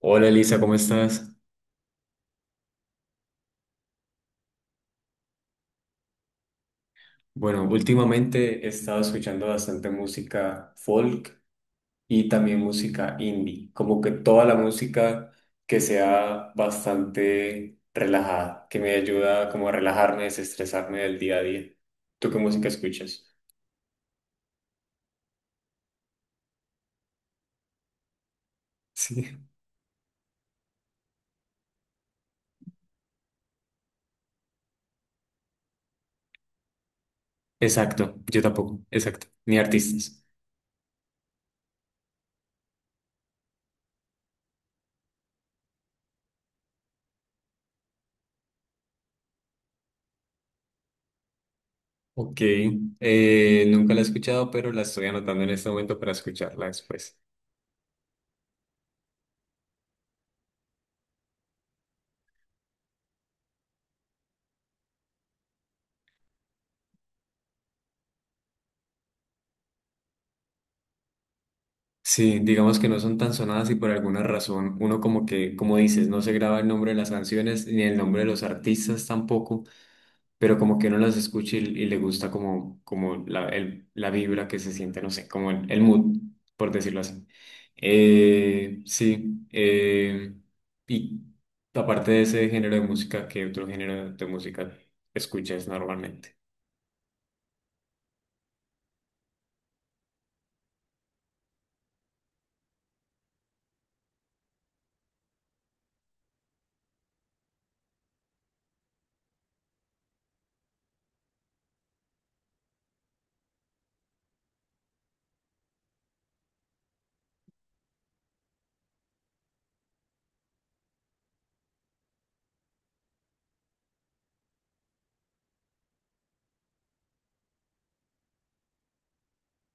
Hola Elisa, ¿cómo estás? Bueno, últimamente he estado escuchando bastante música folk y también música indie, como que toda la música que sea bastante relajada, que me ayuda como a relajarme, desestresarme del día a día. ¿Tú qué música escuchas? Sí. Exacto, yo tampoco, exacto, ni artistas. Ok, nunca la he escuchado, pero la estoy anotando en este momento para escucharla después. Sí, digamos que no son tan sonadas y por alguna razón uno como que, como dices, no se graba el nombre de las canciones ni el nombre de los artistas tampoco, pero como que uno las escucha y le gusta como, como la vibra que se siente, no sé, como el mood, por decirlo así. Eh, sí, eh, y aparte de ese género de música, ¿qué otro género de música escuchas normalmente?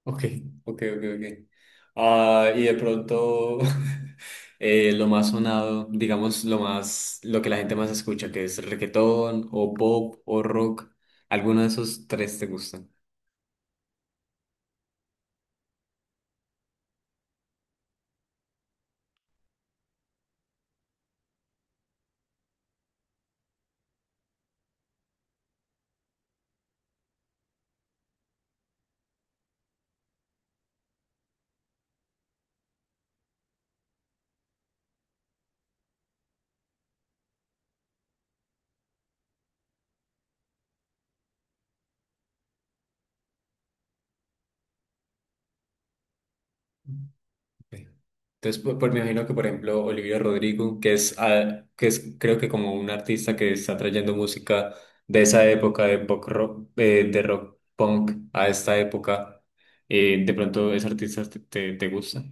Ok, ok, ok, ok. Ah, y de pronto lo más sonado, digamos lo más, lo que la gente más escucha, que es reggaetón o pop o rock, ¿alguno de esos tres te gustan? Ok. Entonces, me imagino que por ejemplo Olivia Rodrigo, que es, ah, que es creo que como un artista que está trayendo música de esa época de pop rock, de rock punk a esta época, de pronto ese artista te gusta.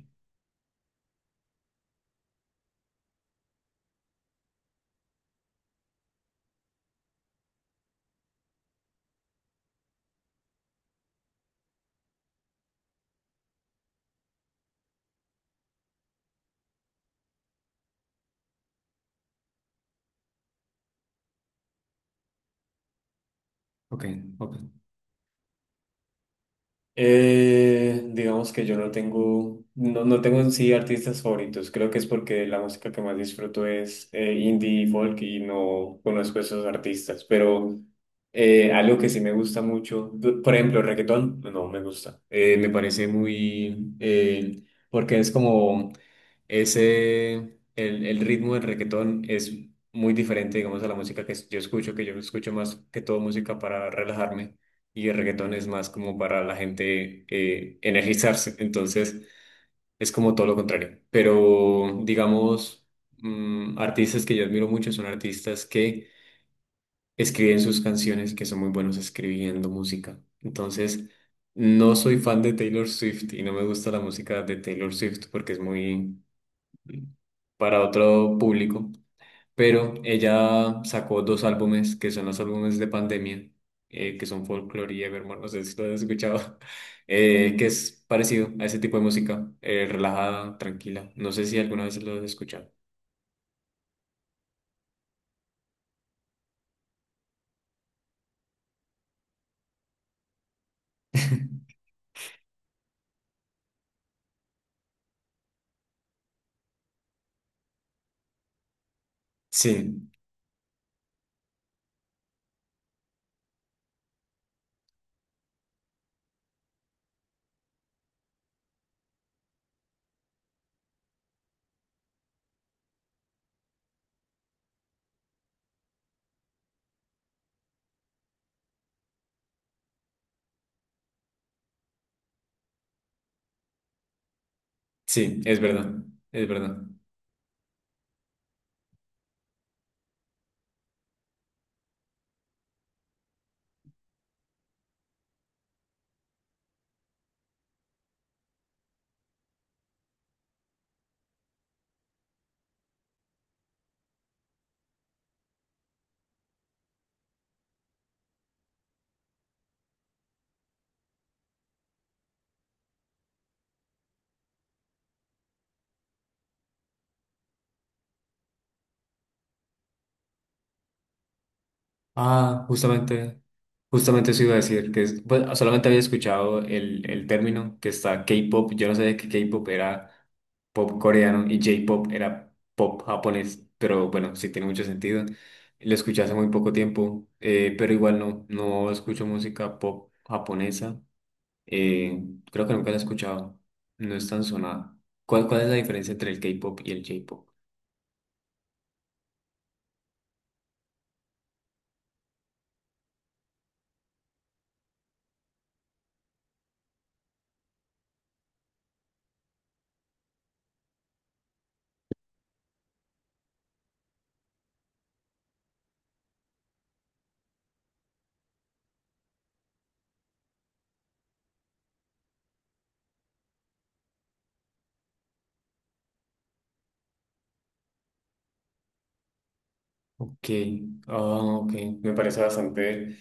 Ok, ok. Digamos que yo no tengo, no, no tengo en sí artistas favoritos. Creo que es porque la música que más disfruto es indie y folk y no conozco esos artistas. Pero algo que sí me gusta mucho, por ejemplo, el reggaetón, no me gusta. Me parece muy, porque es como ese, el ritmo del reggaetón es muy diferente, digamos, a la música que yo escucho más que todo música para relajarme y el reggaetón es más como para la gente energizarse, entonces es como todo lo contrario. Pero digamos, artistas que yo admiro mucho son artistas que escriben sus canciones, que son muy buenos escribiendo música. Entonces, no soy fan de Taylor Swift y no me gusta la música de Taylor Swift porque es muy para otro público. Pero ella sacó dos álbumes, que son los álbumes de pandemia, que son Folklore y Evermore, no sé si lo has escuchado, que es parecido a ese tipo de música, relajada, tranquila. No sé si alguna vez lo has escuchado. Sí, sí, es verdad, es verdad. Ah, justamente, justamente eso iba a decir, pues, solamente había escuchado el término que está K-pop, yo no sabía que K-pop era pop coreano y J-pop era pop japonés, pero bueno, sí tiene mucho sentido. Lo escuché hace muy poco tiempo, pero igual no, no escucho música pop japonesa, eh, creo que nunca la he escuchado, no es tan sonada. ¿Cuál, cuál es la diferencia entre el K-pop y el J-pop? Ok, ah, ok, me parece bastante,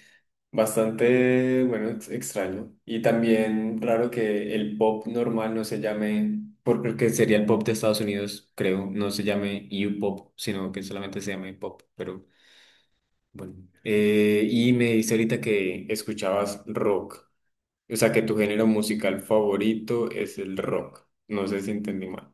bastante, bueno, extraño. Y también raro que el pop normal no se llame, porque sería el pop de Estados Unidos, creo, no se llame U-pop, sino que solamente se llame pop, pero bueno. Y me dice ahorita que escuchabas rock, o sea que tu género musical favorito es el rock, no sé si entendí mal.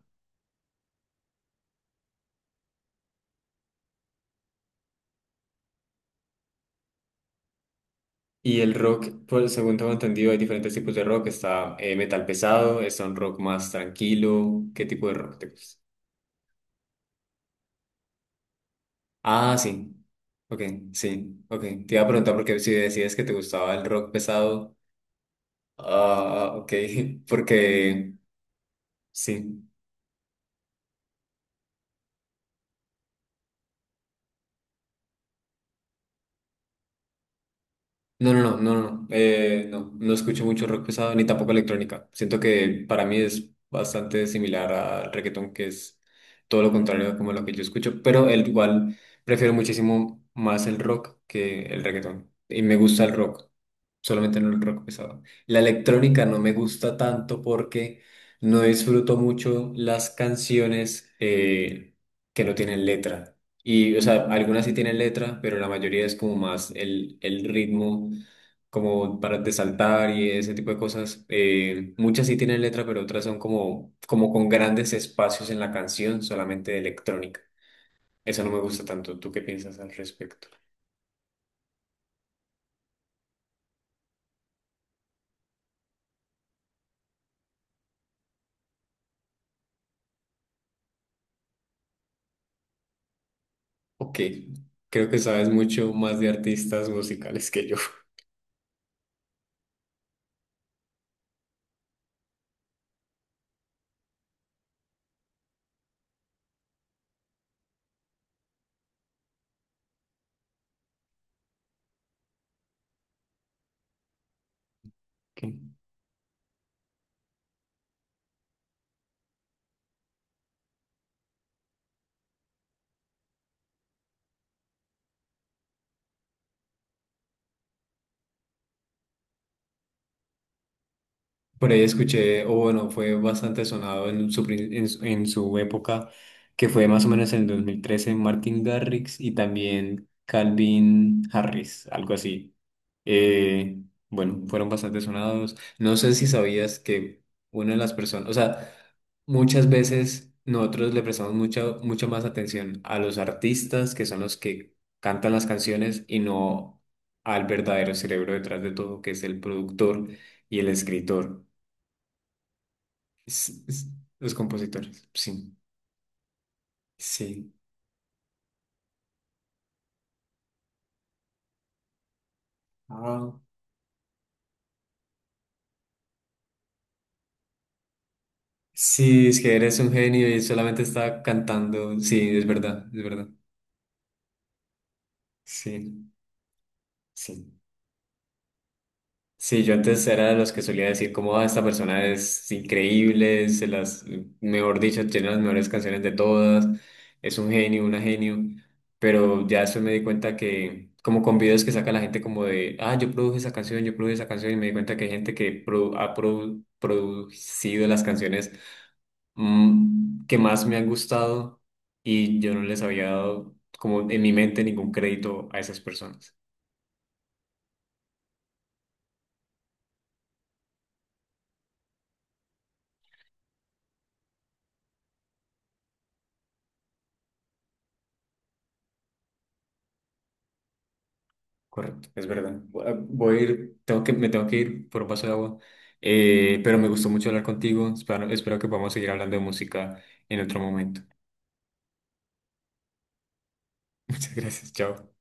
Y el rock, pues, según tengo entendido, hay diferentes tipos de rock. Está metal pesado, está un rock más tranquilo. ¿Qué tipo de rock te gusta? Ah, sí. Ok, sí. Ok. Te iba a preguntar porque si decías que te gustaba el rock pesado. Ah, ok. Porque sí. No, no, no, no, no, no, no escucho mucho rock pesado ni tampoco electrónica. Siento que para mí es bastante similar al reggaetón, que es todo lo contrario a como lo que yo escucho, pero el igual prefiero muchísimo más el rock que el reggaetón y me gusta el rock solamente no el rock pesado. La electrónica no me gusta tanto porque no disfruto mucho las canciones que no tienen letra. Y, o sea, algunas sí tienen letra, pero la mayoría es como más el ritmo, como para de saltar y ese tipo de cosas. Muchas sí tienen letra, pero otras son como, como con grandes espacios en la canción, solamente de electrónica. Eso no me gusta tanto. ¿Tú qué piensas al respecto? Ok, creo que sabes mucho más de artistas musicales que yo. Ok. Por ahí escuché, o bueno, fue bastante sonado en su, prin- en su época, que fue más o menos en el 2013 Martin Garrix y también Calvin Harris, algo así. Eh, bueno, fueron bastante sonados. No sé si sabías que una de las personas, o sea, muchas veces nosotros le prestamos mucha, mucha más atención a los artistas, que son los que cantan las canciones, y no al verdadero cerebro detrás de todo, que es el productor y el escritor. S- s- Los compositores, sí, sí. Ah. Sí, es que eres un genio y solamente estaba cantando. Sí, es verdad, es verdad. Sí, sí. Sí, yo antes era de los que solía decir como, ah, esta persona es increíble, se las, mejor dicho, tiene las mejores canciones de todas, es un genio, una genio. Pero ya después me di cuenta que, como con videos que saca la gente como de, ah, yo produje esa canción, yo produje esa canción, y me di cuenta que hay gente que producido las canciones que más me han gustado y yo no les había dado como en mi mente ningún crédito a esas personas. Correcto, es verdad. Voy a ir, tengo que, me tengo que ir por un vaso de agua. Pero me gustó mucho hablar contigo. Espero, espero que podamos seguir hablando de música en otro momento. Muchas gracias, chao.